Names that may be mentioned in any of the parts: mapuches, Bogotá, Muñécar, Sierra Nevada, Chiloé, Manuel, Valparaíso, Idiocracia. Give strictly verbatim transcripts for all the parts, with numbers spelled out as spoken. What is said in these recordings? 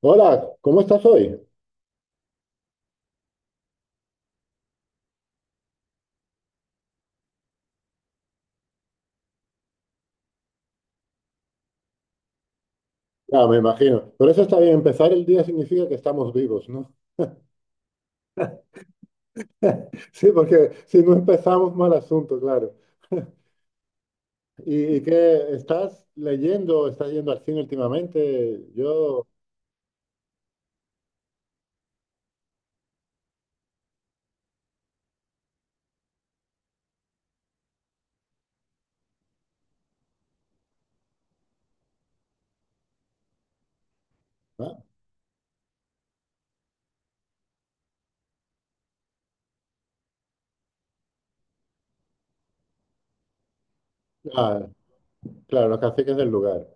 Hola, ¿cómo estás hoy? Ah, me imagino. Por eso está bien, empezar el día significa que estamos vivos, ¿no? Sí, porque si no empezamos, mal asunto, claro. ¿Y, y qué estás leyendo? ¿Estás yendo al cine últimamente? Yo... Ah, ah, claro, los caciques del lugar.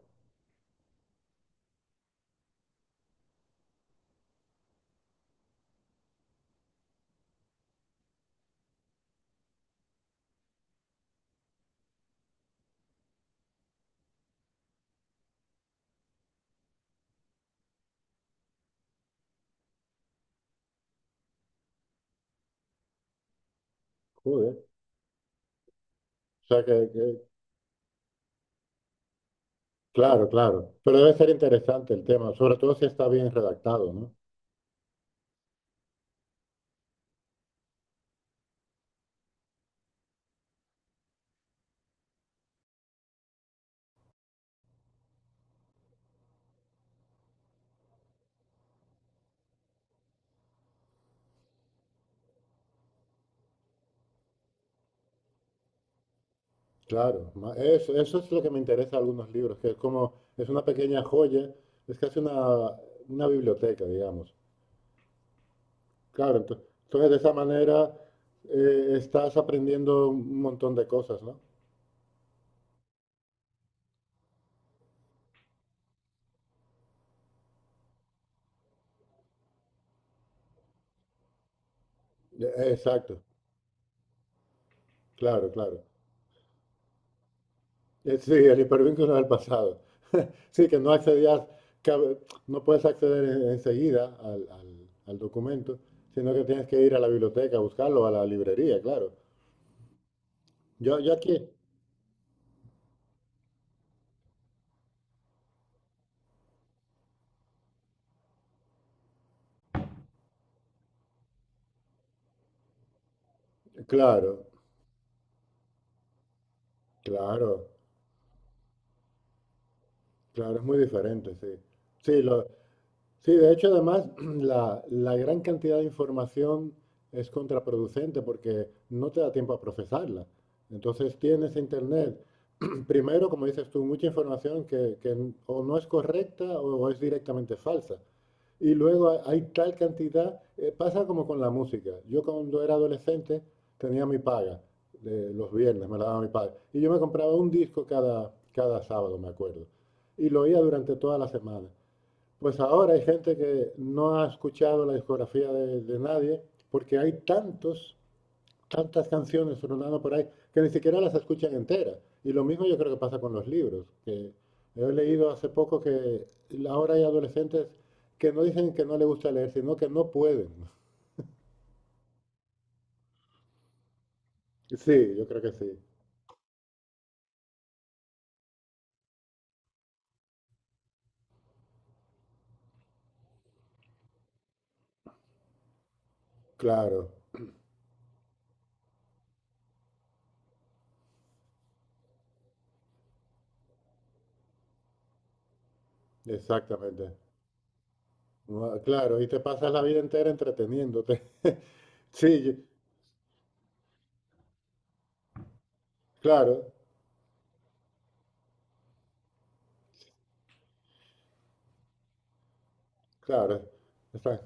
Joder. O sea que, que- Claro, claro. Pero debe ser interesante el tema, sobre todo si está bien redactado, ¿no? Claro. ma- Eso, eso es lo que me interesa de algunos libros, que es como... Es una pequeña joya, es casi una, una biblioteca, digamos. Claro, ento- entonces de esa manera eh, estás aprendiendo un montón de cosas, ¿no? Eh, Exacto, claro, claro. Eh, Sí, el hipervínculo del pasado. Sí, que no accedías, que a ve- no puedes acceder en- enseguida al, al- al documento, sino que tienes que ir a la biblioteca a buscarlo, o a la librería, claro. Yo, yo aquí, claro, claro, claro, es muy diferente, sí. Sí, lo, Sí, de hecho, además, la, la gran cantidad de información es contraproducente porque no te da tiempo a procesarla. Entonces tienes internet, primero, como dices tú, mucha información que, que n- o no es correcta o es directamente falsa. Y luego ha- hay tal cantidad, eh, pasa como con la música. Yo cuando era adolescente tenía mi paga, de los viernes me la daba mi padre, y yo me compraba un disco cada, cada sábado, me acuerdo. Y lo oía durante toda la semana. Pues ahora hay gente que no ha escuchado la discografía de, de nadie porque hay tantos, tantas canciones sonando por ahí que ni siquiera las escuchan enteras. Y lo mismo yo creo que pasa con los libros, que yo he leído hace poco que ahora hay adolescentes que no dicen que no les gusta leer, sino que no pueden. Sí, yo creo que sí. Claro, exactamente. No, claro, y te pasas la vida entera entreteniéndote. Sí, yo- claro, claro. Está-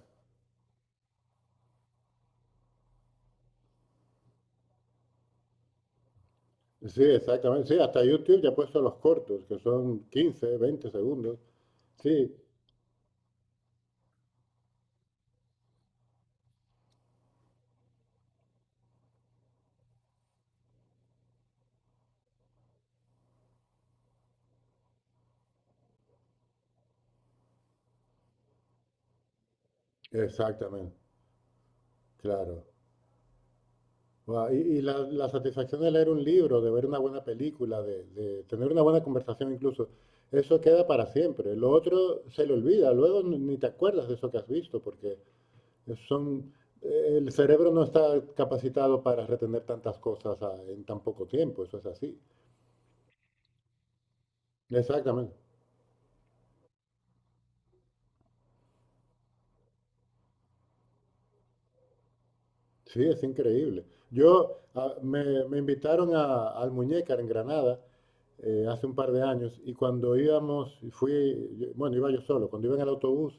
Sí, exactamente. Sí, hasta YouTube ya ha puesto los cortos, que son quince, veinte segundos. Sí, exactamente. Claro. Guau, Y, y la, la satisfacción de leer un libro, de ver una buena película, de, de tener una buena conversación incluso, eso queda para siempre. Lo otro se le olvida, luego ni ni te acuerdas de eso que has visto, porque son, eh, el cerebro no está capacitado para retener tantas cosas a- en tan poco tiempo, eso es así. Exactamente. Sí, es increíble. Yo ah, me, me invitaron a, al Muñécar en Granada eh, hace un par de años y cuando íbamos, y fui, yo- bueno, iba yo solo, cuando iba en el autobús,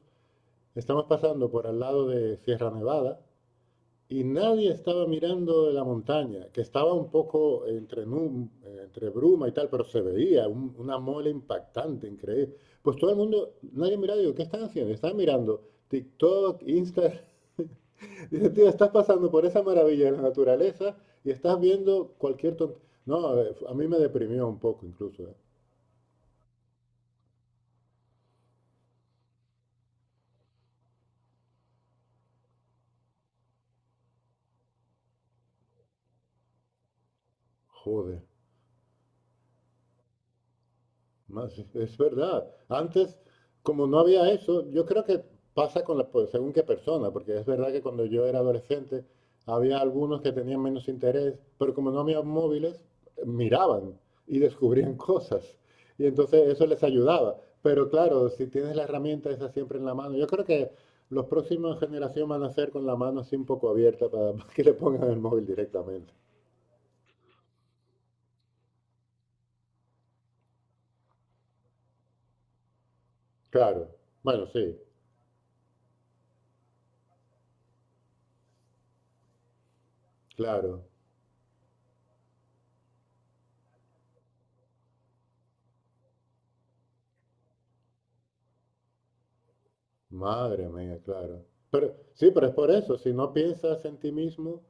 estamos pasando por al lado de Sierra Nevada y nadie estaba mirando la montaña, que estaba un poco entre, nu- eh, entre bruma y tal, pero se veía un- una mole impactante, increíble. Pues todo el mundo, nadie miraba, digo, ¿qué están haciendo? Están mirando TikTok, Instagram. Dice, tío, estás pasando por esa maravilla de la naturaleza y estás viendo cualquier tontería. No, eh, a mí me deprimió un poco incluso, ¿eh? Joder. Más, es verdad. Antes, como no había eso, yo creo que pasa con la, pues, según qué persona, porque es verdad que cuando yo era adolescente había algunos que tenían menos interés, pero como no había móviles, miraban y descubrían cosas. Y entonces eso les ayudaba. Pero claro, si tienes la herramienta esa siempre en la mano, yo creo que los próximos generación van a ser con la mano así un poco abierta para, para que le pongan el móvil directamente. Claro. Bueno, sí, claro. Madre mía, claro. Pero sí, pero es por eso, si no piensas en ti mismo,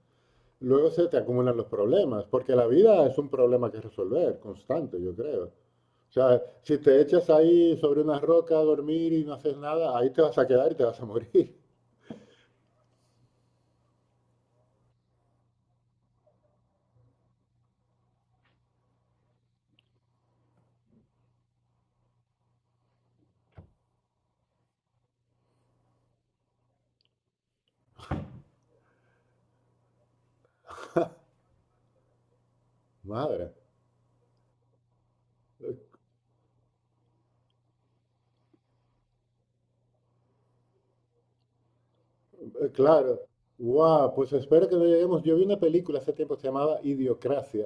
luego se te acumulan los problemas, porque la vida es un problema que resolver, constante, yo creo. O sea, si te echas ahí sobre una roca a dormir y no haces nada, ahí te vas a quedar y te vas a morir. Madre. Eh, Claro. Guau, pues espero que no lleguemos. Yo vi una película hace tiempo que se llamaba Idiocracia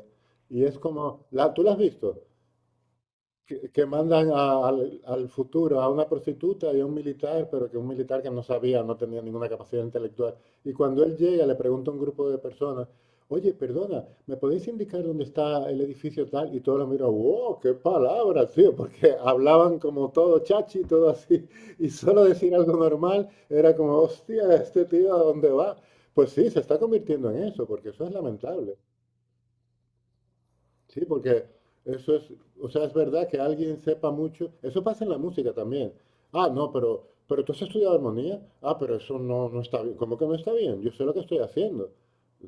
y es como, ¿la, tú la has visto? que, que mandan a- al, al futuro a una prostituta y a un militar, pero que un militar que no sabía, no tenía ninguna capacidad intelectual. Y cuando él llega, le pregunta a un grupo de personas, oye, perdona, ¿me podéis indicar dónde está el edificio tal? Y todos lo miran, wow, qué palabra, tío, porque hablaban como todo chachi, todo así, y solo decir algo normal era como, hostia, este tío, ¿a dónde va? Pues sí, se está convirtiendo en eso, porque eso es lamentable. Sí, porque eso es, o sea, es verdad que alguien sepa mucho. Eso pasa en la música también. Ah, no, pero, pero tú has estudiado armonía. Ah, pero eso no, no está bien. ¿Cómo que no está bien? Yo sé lo que estoy haciendo.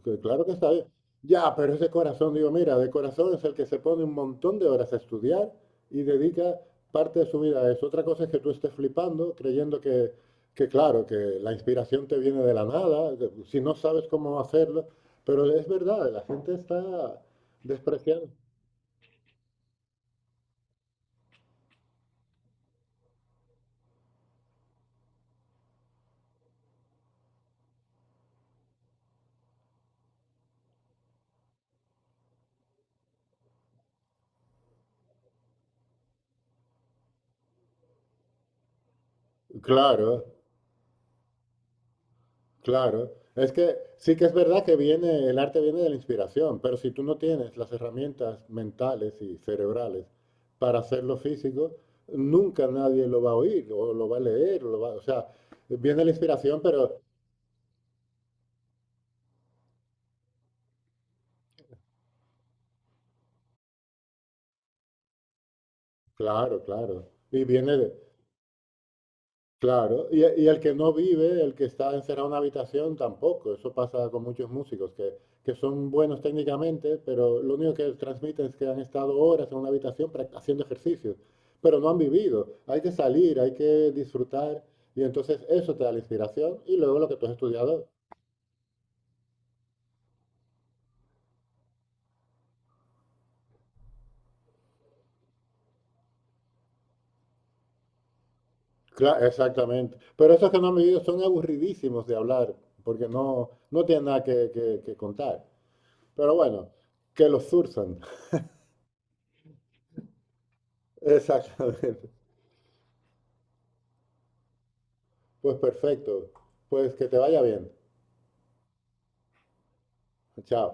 Que claro que está bien. Ya, pero es de corazón. Digo, mira, de corazón es el que se pone un montón de horas a estudiar y dedica parte de su vida a eso. Otra cosa es que tú estés flipando, creyendo que, que claro, que la inspiración te viene de la nada, que si no sabes cómo hacerlo. Pero es verdad, la gente está despreciando. Claro, claro. Es que sí que es verdad que viene, el arte viene de la inspiración, pero si tú no tienes las herramientas mentales y cerebrales para hacerlo físico, nunca nadie lo va a oír o lo va a leer, o, lo va, o sea, viene la inspiración, pero claro, claro. Y viene de, claro, y, y el que no vive, el que está encerrado en una habitación, tampoco. Eso pasa con muchos músicos que, que son buenos técnicamente, pero lo único que transmiten es que han estado horas en una habitación prac- haciendo ejercicios, pero no han vivido. Hay que salir, hay que disfrutar, y entonces eso te da la inspiración y luego lo que tú has estudiado. Claro, exactamente. Pero esos que no han vivido son aburridísimos de hablar, porque no, no tienen nada que, que que contar. Pero bueno, que los zurzan. Exactamente. Pues perfecto. Pues que te vaya bien. Chao.